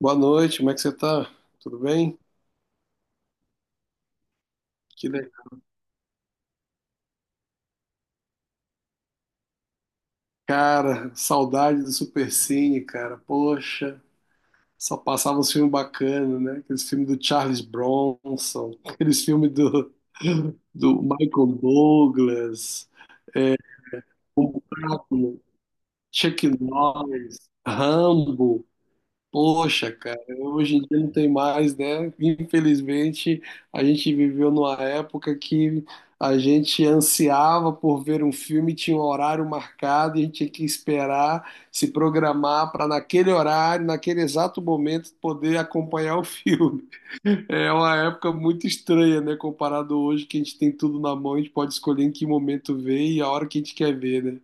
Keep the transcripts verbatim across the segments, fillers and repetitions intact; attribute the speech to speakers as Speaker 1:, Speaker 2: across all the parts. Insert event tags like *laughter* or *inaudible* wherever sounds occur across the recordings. Speaker 1: Boa noite, como é que você tá? Tudo bem? Que legal. Cara, saudade do Supercine, cara. Poxa, só passava uns filmes bacanas, né? Aqueles filmes do Charles Bronson, *laughs* aqueles filmes do, do Michael Douglas, Chaplin, Chuck Norris, Rambo. Poxa, cara, hoje em dia não tem mais, né? Infelizmente, a gente viveu numa época que a gente ansiava por ver um filme, tinha um horário marcado, e a gente tinha que esperar, se programar para naquele horário, naquele exato momento, poder acompanhar o filme. *laughs* É uma época muito estranha, né? Comparado hoje, que a gente tem tudo na mão, a gente pode escolher em que momento ver e a hora que a gente quer ver, né?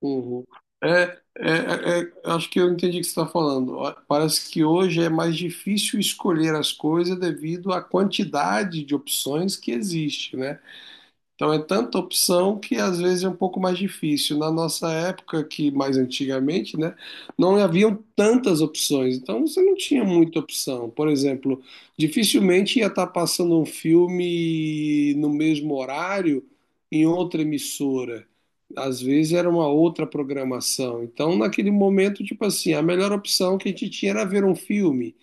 Speaker 1: Uhum. É, é, é- acho que eu entendi o que você está falando. Ó, parece que hoje é mais difícil escolher as coisas devido à quantidade de opções que existe, né? Então é tanta opção que às vezes é um pouco mais difícil. Na nossa época, que mais antigamente, né, não haviam tantas opções. Então você não tinha muita opção. Por exemplo, dificilmente ia estar passando um filme no mesmo horário em outra emissora. Às vezes era uma outra programação. Então, naquele momento, tipo assim, a melhor opção que a gente tinha era ver um filme.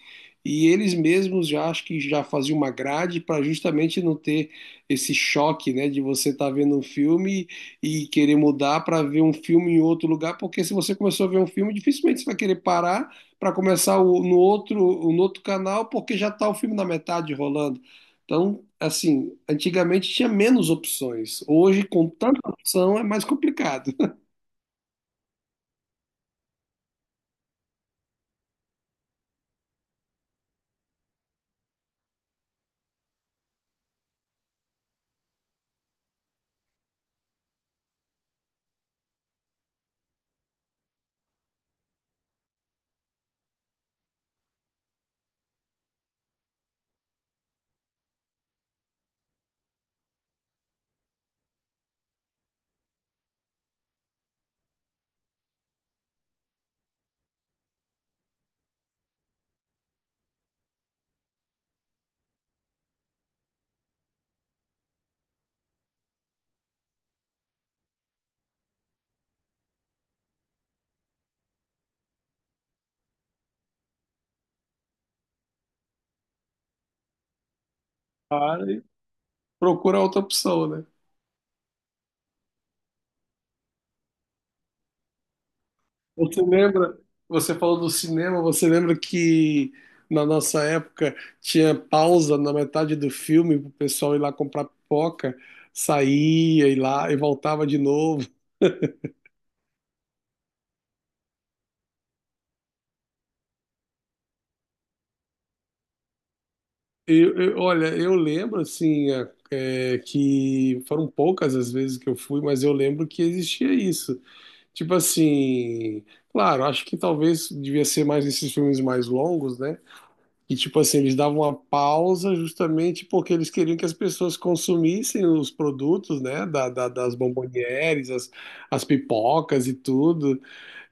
Speaker 1: E eles mesmos já acho que já faziam uma grade para justamente não ter esse choque, né, de você estar vendo um filme e querer mudar para ver um filme em outro lugar, porque se você começou a ver um filme, dificilmente você vai querer parar para começar o- no outro, no outro canal, porque já está o filme na metade rolando. Então, assim, antigamente tinha menos opções. Hoje, com tanta opção, é mais complicado. *laughs* Cara, e procura outra opção, né? Você lembra? Você falou do cinema, você lembra que na nossa época tinha pausa na metade do filme pro pessoal ir lá comprar pipoca, saía e lá e voltava de novo. Eu, eu- olha, eu lembro assim a- é, que foram poucas as vezes que eu fui, mas eu lembro que existia isso. Tipo assim, claro, acho que talvez devia ser mais esses filmes mais longos, né? E, tipo assim, eles davam uma pausa justamente porque eles queriam que as pessoas consumissem os produtos, né, da, da- das bombonieres, as, as pipocas e tudo.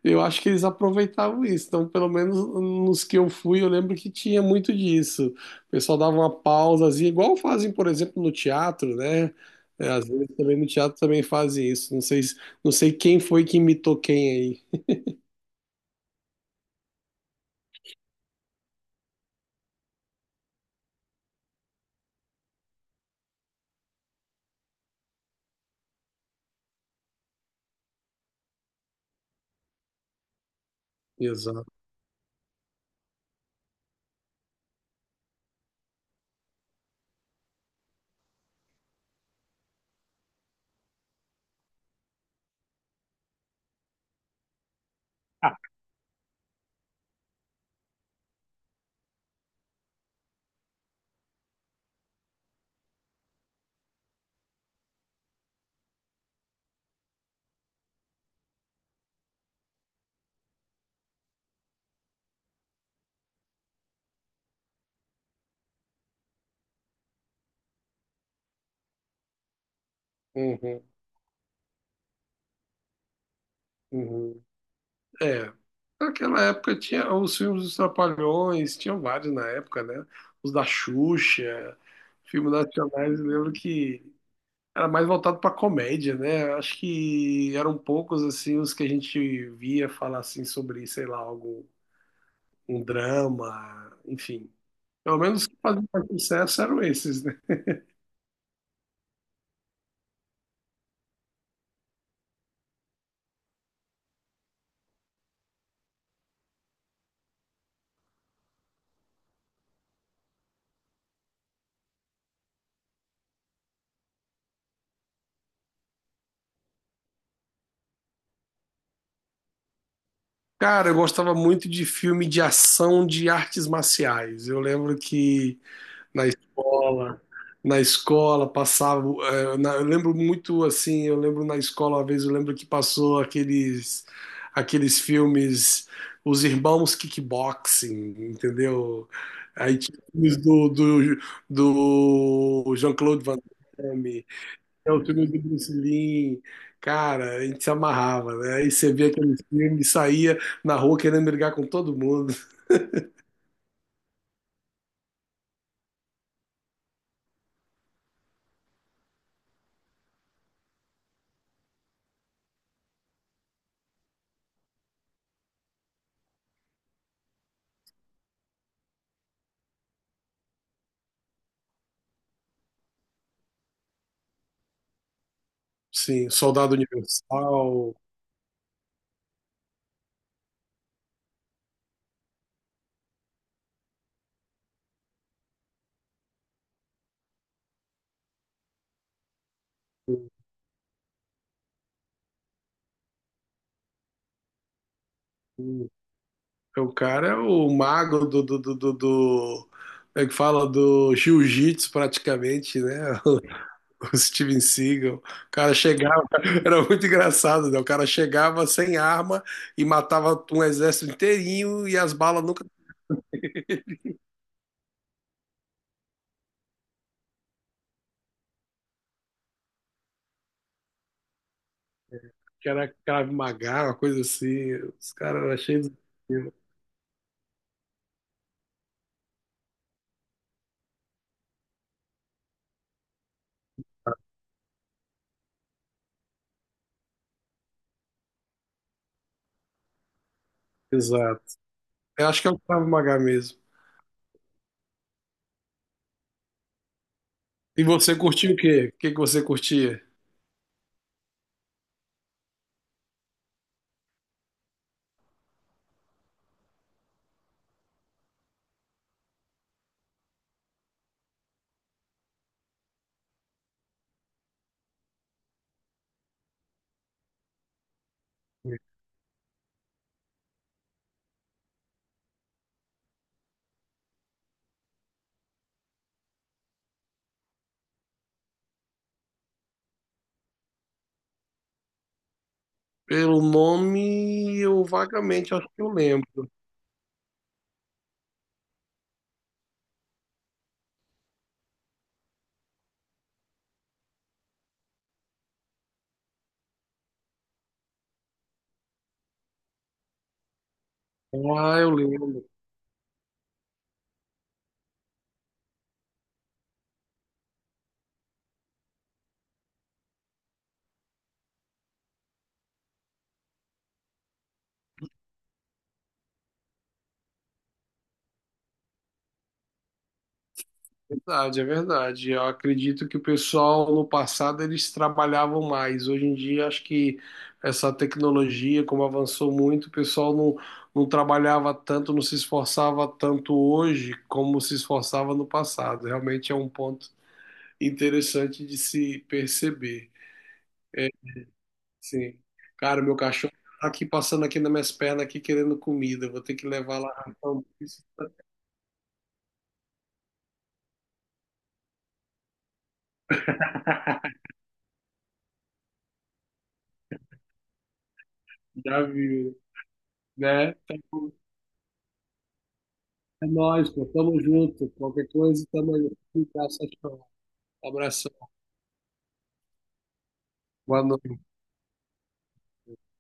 Speaker 1: Eu acho que eles aproveitavam isso. Então, pelo menos nos que eu fui, eu lembro que tinha muito disso. O pessoal dava uma pausazinha, igual fazem, por exemplo, no teatro, né? É, às vezes também no teatro também fazem isso. Não sei, se- não sei quem foi que imitou quem aí. Exato. Uhum, uhum. É, naquela época tinha os filmes dos Trapalhões, tinham vários na época, né? Os da Xuxa, filmes nacionais, eu lembro que era mais voltado para comédia, né? Acho que eram poucos assim os que a gente via falar assim sobre, sei lá, algo, um drama, enfim. Pelo menos os que faziam mais sucesso eram esses, né? Cara, eu gostava muito de filme de ação de artes marciais. Eu lembro que na escola, na escola passava, eh, na- eu lembro muito assim, eu lembro na escola uma vez, eu lembro que passou aqueles aqueles filmes Os Irmãos Kickboxing, entendeu? Aí tinha filmes do, do, do Jean-Claude Van Damme, é o filme do Bruce Lee. Cara, a gente se amarrava, né? Aí você via aqueles filmes, saía na rua querendo brigar com todo mundo. Sim, Soldado Universal. É, o cara é o mago do, do, do, do, do- como é que fala? Do jiu-jitsu praticamente, né? *laughs* O Steven Seagal. O cara chegava, era muito engraçado, né? O cara chegava sem arma e matava um exército inteirinho e as balas nunca. Que era Krav Maga, uma coisa assim. Os caras eram cheios de. Exato. Eu acho que é o Krav Maga mesmo. E você curtiu o quê? O que que você curtia? Pelo nome, eu vagamente acho que eu lembro. Ah, eu lembro. Verdade, é verdade. Eu acredito que o pessoal no passado eles trabalhavam mais. Hoje em dia, acho que essa tecnologia, como avançou muito, o pessoal não, não trabalhava tanto, não se esforçava tanto hoje como se esforçava no passado. Realmente é um ponto interessante de se perceber. Sim. Cara, meu cachorro tá aqui passando aqui nas minhas pernas aqui querendo comida. Eu vou ter que levar lá. Então, já viu, né? É nóis, pô. Tamo junto. Qualquer coisa, tamo aí. Um abraço. Abração. Boa noite.